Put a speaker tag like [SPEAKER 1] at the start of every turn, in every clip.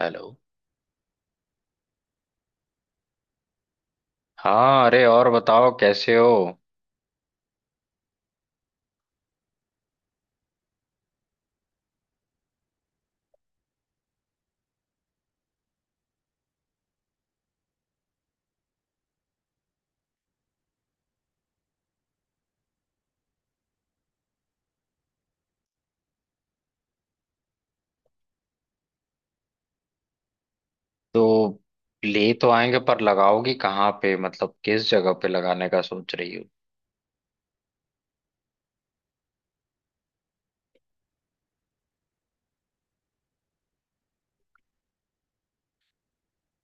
[SPEAKER 1] Hello. हाँ, अरे और बताओ कैसे हो। तो ले तो आएंगे पर लगाओगी कहाँ पे, मतलब किस जगह पे लगाने का सोच रही हो।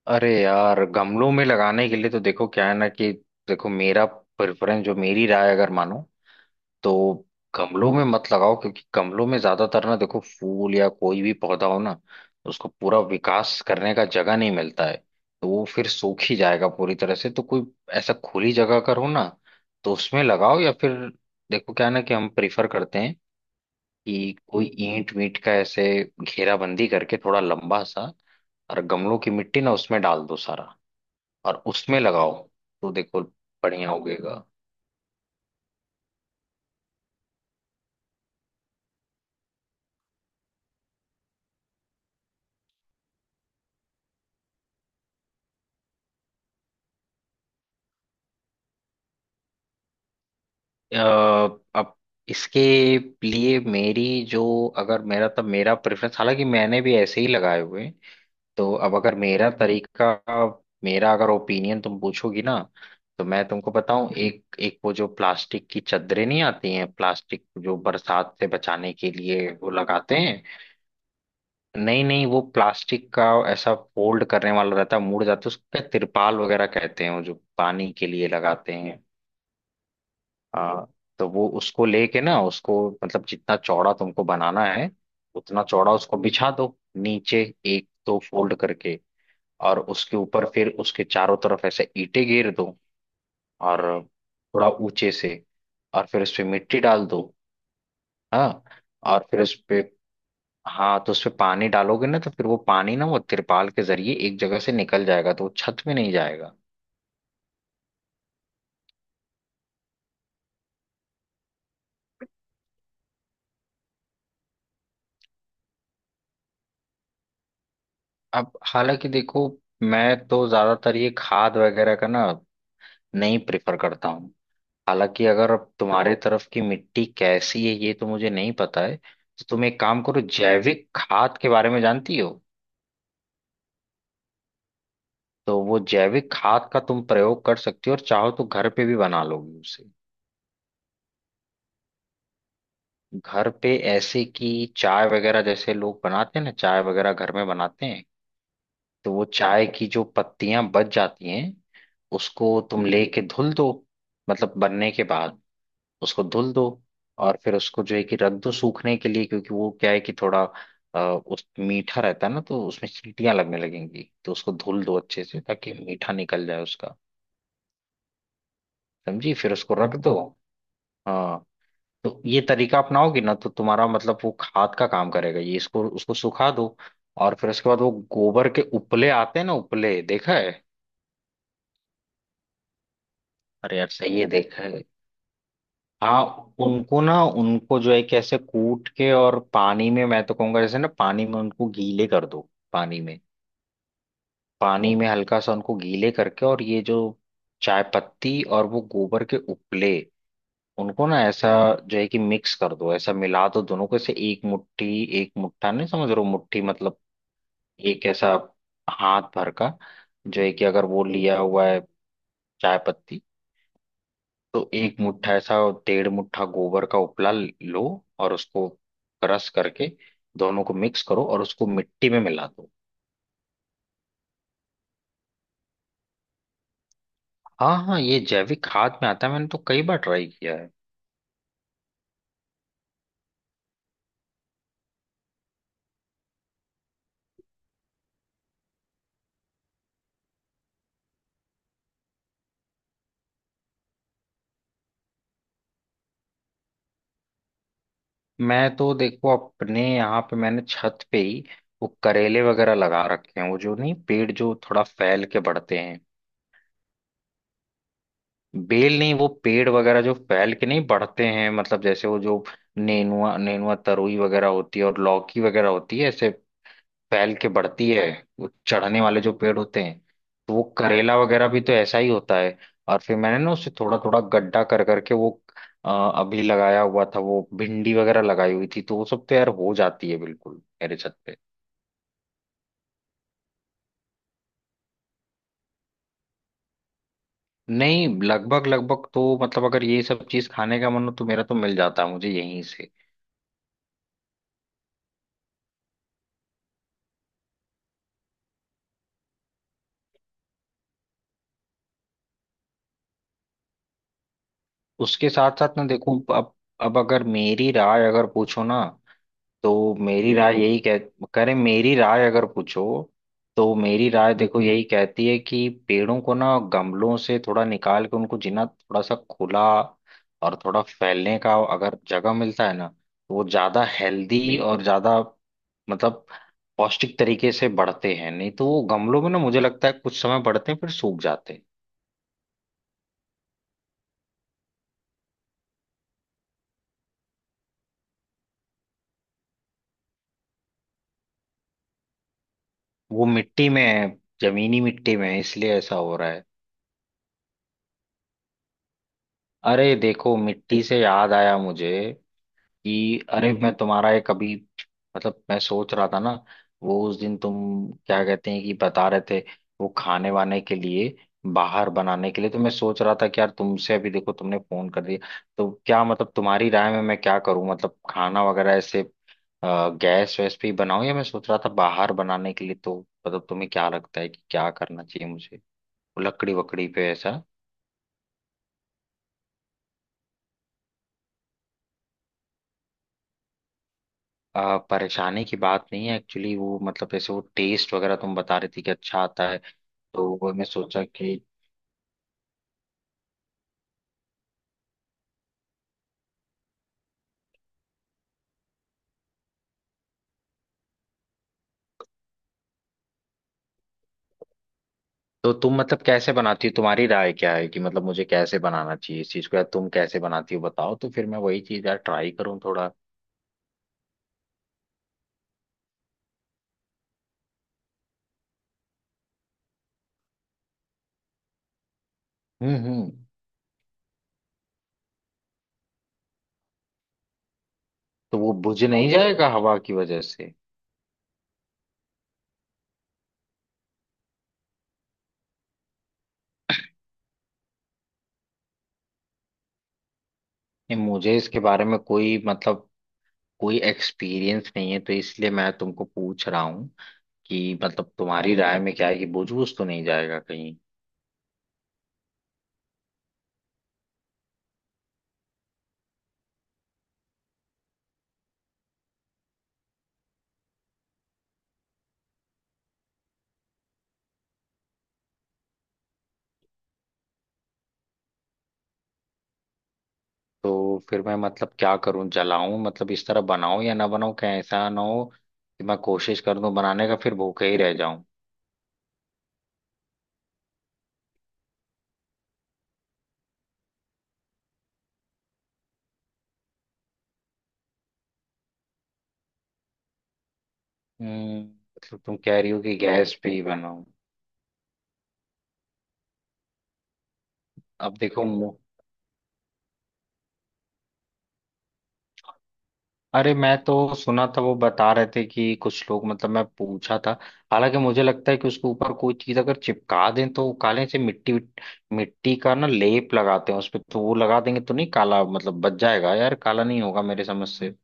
[SPEAKER 1] अरे यार गमलों में लगाने के लिए तो देखो क्या है ना कि देखो, मेरा प्रेफरेंस जो मेरी राय अगर मानो तो गमलों में मत लगाओ, क्योंकि गमलों में ज्यादातर ना देखो फूल या कोई भी पौधा हो ना उसको पूरा विकास करने का जगह नहीं मिलता है। तो वो फिर सूख ही जाएगा पूरी तरह से। तो कोई ऐसा खुली जगह करो ना तो उसमें लगाओ, या फिर देखो क्या है ना कि हम प्रिफर करते हैं कि कोई ईंट वीट का ऐसे घेराबंदी करके थोड़ा लंबा सा, और गमलों की मिट्टी ना उसमें डाल दो सारा और उसमें लगाओ तो देखो बढ़िया उगेगा। अ, अब इसके लिए मेरी जो अगर मेरा तब मेरा प्रेफरेंस, हालांकि मैंने भी ऐसे ही लगाए हुए हैं। तो अब अगर मेरा तरीका मेरा अगर ओपिनियन तुम पूछोगी ना तो मैं तुमको बताऊं। एक एक वो जो प्लास्टिक की चादरें नहीं आती हैं, प्लास्टिक जो बरसात से बचाने के लिए वो लगाते हैं। नहीं नहीं, वो प्लास्टिक का ऐसा फोल्ड करने वाला रहता है, मुड़ जाता है, उसका तिरपाल वगैरह कहते हैं, वो जो पानी के लिए लगाते हैं। हाँ, तो वो उसको लेके ना उसको, मतलब जितना चौड़ा तुमको बनाना है उतना चौड़ा उसको बिछा दो नीचे एक दो फोल्ड करके। और उसके ऊपर फिर उसके चारों तरफ ऐसे ईंटें घेर दो, और थोड़ा ऊंचे से। और फिर उस पे मिट्टी डाल दो। हाँ, और फिर उस पे, हाँ तो उस पे पानी डालोगे ना तो फिर वो पानी ना वो तिरपाल के जरिए एक जगह से निकल जाएगा, तो वो छत में नहीं जाएगा। अब हालांकि देखो, मैं तो ज्यादातर ये खाद वगैरह का ना नहीं प्रेफर करता हूँ। हालांकि अगर अब तुम्हारे तरफ की मिट्टी कैसी है ये तो मुझे नहीं पता है, तो तुम एक काम करो, जैविक खाद के बारे में जानती हो। तो वो जैविक खाद का तुम प्रयोग कर सकती हो, और चाहो तो घर पे भी बना लोगी उसे। घर पे ऐसे कि चाय वगैरह जैसे लोग बनाते हैं ना, चाय वगैरह घर में बनाते हैं। तो वो चाय की जो पत्तियां बच जाती हैं उसको तुम लेके धुल दो, मतलब बनने के बाद उसको धुल दो। और फिर उसको जो है कि रख दो सूखने के लिए, क्योंकि वो क्या है कि थोड़ा उस मीठा रहता है ना तो उसमें चींटियां लगने लगेंगी, तो उसको धुल दो अच्छे से, ताकि मीठा निकल जाए उसका। समझी? फिर उसको रख दो। हाँ, तो ये तरीका अपनाओगी ना तो तुम्हारा मतलब वो खाद का काम करेगा ये, इसको उसको सुखा दो। और फिर उसके बाद वो गोबर के उपले आते हैं ना, उपले देखा है। अरे यार सही है देखा है। हाँ, उनको ना उनको जो है कि ऐसे कूट के और पानी में, मैं तो कहूंगा जैसे ना पानी में उनको गीले कर दो, पानी में, पानी में हल्का सा उनको गीले करके। और ये जो चाय पत्ती और वो गोबर के उपले, उनको ना ऐसा जो है कि मिक्स कर दो, ऐसा मिला दो दोनों को ऐसे एक मुट्ठी, एक मुट्ठा नहीं, समझ रहे हो मुट्ठी मतलब एक ऐसा हाथ भर का, जो है कि अगर वो लिया हुआ है चाय पत्ती तो एक मुट्ठा ऐसा, डेढ़ मुट्ठा गोबर का उपला लो। और उसको क्रश करके दोनों को मिक्स करो और उसको मिट्टी में मिला दो। हाँ हाँ, ये जैविक खाद में आता है, मैंने तो कई बार ट्राई किया है। मैं तो देखो अपने यहाँ पे मैंने छत पे ही वो करेले वगैरह लगा रखे हैं, वो जो नहीं पेड़ जो थोड़ा फैल के बढ़ते हैं। बेल नहीं, वो पेड़ वगैरह जो फैल के नहीं बढ़ते हैं, मतलब जैसे वो जो नेनुआ, नेनुआ तरुई वगैरह होती है, और लौकी वगैरह होती है, ऐसे फैल के बढ़ती है। वो चढ़ने वाले जो पेड़ होते हैं, तो वो करेला वगैरह भी तो ऐसा ही होता है। और फिर मैंने ना उसे थोड़ा थोड़ा गड्ढा कर करके वो अ, अभी लगाया हुआ था, वो भिंडी वगैरह लगाई हुई थी, तो वो सब तो यार हो जाती है बिल्कुल मेरे छत पे। नहीं, लगभग लगभग तो, मतलब अगर ये सब चीज खाने का मन हो तो मेरा तो मिल जाता है मुझे यहीं से। उसके साथ साथ ना देखो अब अगर मेरी राय अगर पूछो ना तो मेरी राय बिल्कुल यही कह कह रहे, मेरी राय अगर पूछो तो मेरी राय देखो यही कहती है कि पेड़ों को ना गमलों से थोड़ा निकाल के उनको जिना थोड़ा सा खुला और थोड़ा फैलने का अगर जगह मिलता है ना तो वो ज्यादा हेल्दी और ज्यादा, मतलब पौष्टिक तरीके से बढ़ते हैं। नहीं तो वो गमलों में ना मुझे लगता है कुछ समय बढ़ते हैं फिर सूख जाते हैं। वो मिट्टी में है, जमीनी मिट्टी में है, इसलिए ऐसा हो रहा है। अरे देखो मिट्टी से याद आया मुझे कि अरे मैं तुम्हारा एक अभी, मतलब मैं सोच रहा था ना वो उस दिन तुम क्या कहते हैं कि बता रहे थे वो खाने वाने के लिए बाहर बनाने के लिए। तो मैं सोच रहा था कि यार तुमसे अभी, देखो तुमने फोन कर दिया। तो क्या मतलब तुम्हारी राय में मैं क्या करूं, मतलब खाना वगैरह ऐसे गैस वैस पे ही बनाऊं, या मैं सोच रहा था बाहर बनाने के लिए तो, मतलब तुम्हें क्या लगता है कि क्या करना चाहिए मुझे, लकड़ी वकड़ी पे ऐसा। परेशानी की बात नहीं है, एक्चुअली वो मतलब जैसे वो टेस्ट वगैरह तुम बता रही थी कि अच्छा आता है। तो मैंने सोचा कि, तो तुम मतलब कैसे बनाती हो, तुम्हारी राय क्या है कि मतलब मुझे कैसे बनाना चाहिए इस चीज को, या तुम कैसे बनाती हो बताओ, तो फिर मैं वही चीज यार ट्राई करूं थोड़ा। हम्म, तो वो बुझ नहीं जाएगा हवा की वजह से? नहीं, मुझे इसके बारे में कोई मतलब कोई एक्सपीरियंस नहीं है, तो इसलिए मैं तुमको पूछ रहा हूँ कि मतलब तुम्हारी राय में क्या है कि बुझ बुझ तो नहीं जाएगा कहीं। तो फिर मैं मतलब क्या करूं, जलाऊं, मतलब इस तरह बनाऊं या ना बनाऊं, क्या ऐसा ना हो कि मैं कोशिश कर दूं बनाने का फिर भूखे ही रह जाऊं। मतलब तुम कह रही हो कि गैस पे ही बनाओ। अब देखो अरे मैं तो सुना था वो बता रहे थे कि कुछ लोग, मतलब मैं पूछा था, हालांकि मुझे लगता है कि उसके ऊपर कोई चीज अगर चिपका दें तो वो काले से मिट्टी मिट्टी का ना लेप लगाते हैं उस पे तो वो लगा देंगे तो नहीं काला, मतलब बच जाएगा यार, काला नहीं होगा मेरे समझ से।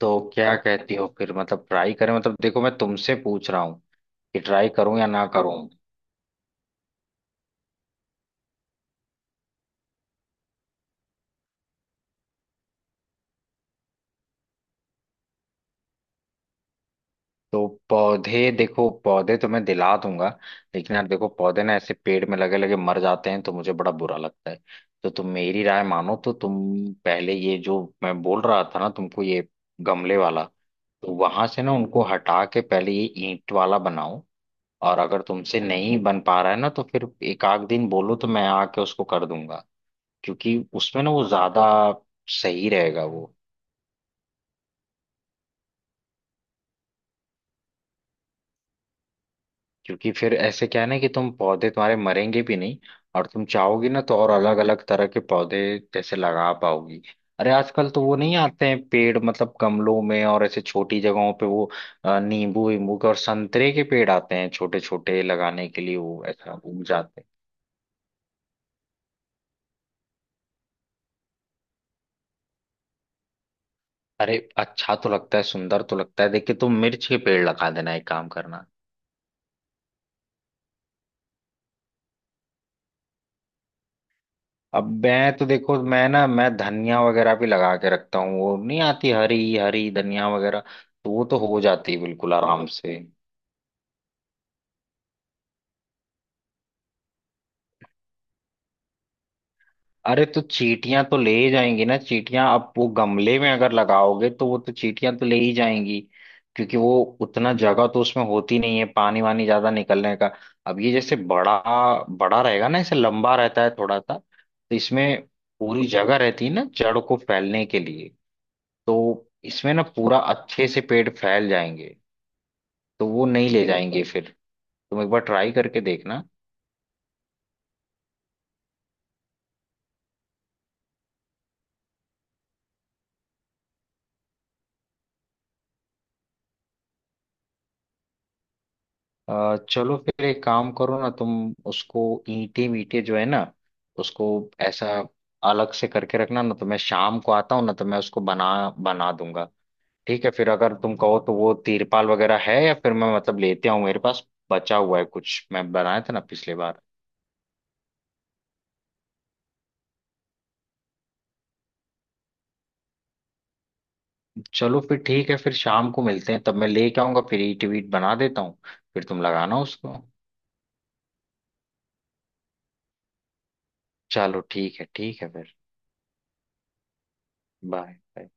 [SPEAKER 1] तो क्या कहती हो फिर, मतलब ट्राई करें, मतलब देखो मैं तुमसे पूछ रहा हूँ कि ट्राई करूं या ना करूं। तो पौधे देखो, पौधे तो मैं दिला दूंगा, लेकिन यार देखो पौधे ना ऐसे पेड़ में लगे लगे मर जाते हैं तो मुझे बड़ा बुरा लगता है। तो तुम मेरी राय मानो तो तुम पहले ये जो मैं बोल रहा था ना तुमको, ये गमले वाला तो वहां से ना उनको हटा के पहले ये ईंट वाला बनाओ। और अगर तुमसे नहीं बन पा रहा है ना तो फिर एक आध दिन बोलो तो मैं आके उसको कर दूंगा, क्योंकि उसमें ना वो ज्यादा सही रहेगा वो। क्योंकि फिर ऐसे क्या है ना कि तुम पौधे तुम्हारे मरेंगे भी नहीं, और तुम चाहोगी ना तो और अलग अलग तरह के पौधे जैसे लगा पाओगी। अरे आजकल तो वो नहीं आते हैं पेड़, मतलब गमलों में और ऐसे छोटी जगहों पे वो नींबू वींबू के और संतरे के पेड़ आते हैं, छोटे छोटे लगाने के लिए वो ऐसा उग जाते हैं। अरे अच्छा तो लगता है, सुंदर तो लगता है, देखिए तुम मिर्च के पेड़ लगा देना, एक काम करना। अब मैं तो देखो मैं ना मैं धनिया वगैरह भी लगा के रखता हूँ, वो नहीं आती हरी हरी धनिया वगैरह, तो वो तो हो जाती है बिल्कुल आराम से। अरे तो चींटियां तो ले ही जाएंगी ना, चींटियां अब वो गमले में अगर लगाओगे तो वो तो चींटियां तो ले ही जाएंगी, क्योंकि वो उतना जगह तो उसमें होती नहीं है पानी वानी ज्यादा निकलने का। अब ये जैसे बड़ा बड़ा रहेगा ना, ऐसे लंबा रहता है थोड़ा सा, तो इसमें पूरी जगह रहती है ना जड़ को फैलने के लिए। तो इसमें ना पूरा अच्छे से पेड़ फैल जाएंगे, तो वो नहीं ले जाएंगे फिर। तुम एक बार ट्राई करके देखना। चलो फिर एक काम करो ना तुम, उसको ईंटे मीटे जो है ना उसको ऐसा अलग से करके रखना ना, तो मैं शाम को आता हूँ ना तो मैं उसको बना बना दूंगा। ठीक है फिर, अगर तुम कहो तो वो तिरपाल वगैरह है, या फिर मैं मतलब लेते आऊँ, मेरे पास बचा हुआ है कुछ, मैं बनाया था ना पिछले बार। चलो फिर ठीक है, फिर शाम को मिलते हैं तब मैं लेके आऊंगा, फिर ईंट वीट बना देता हूँ। फिर तुम लगाना उसको। चलो ठीक है फिर। बाय।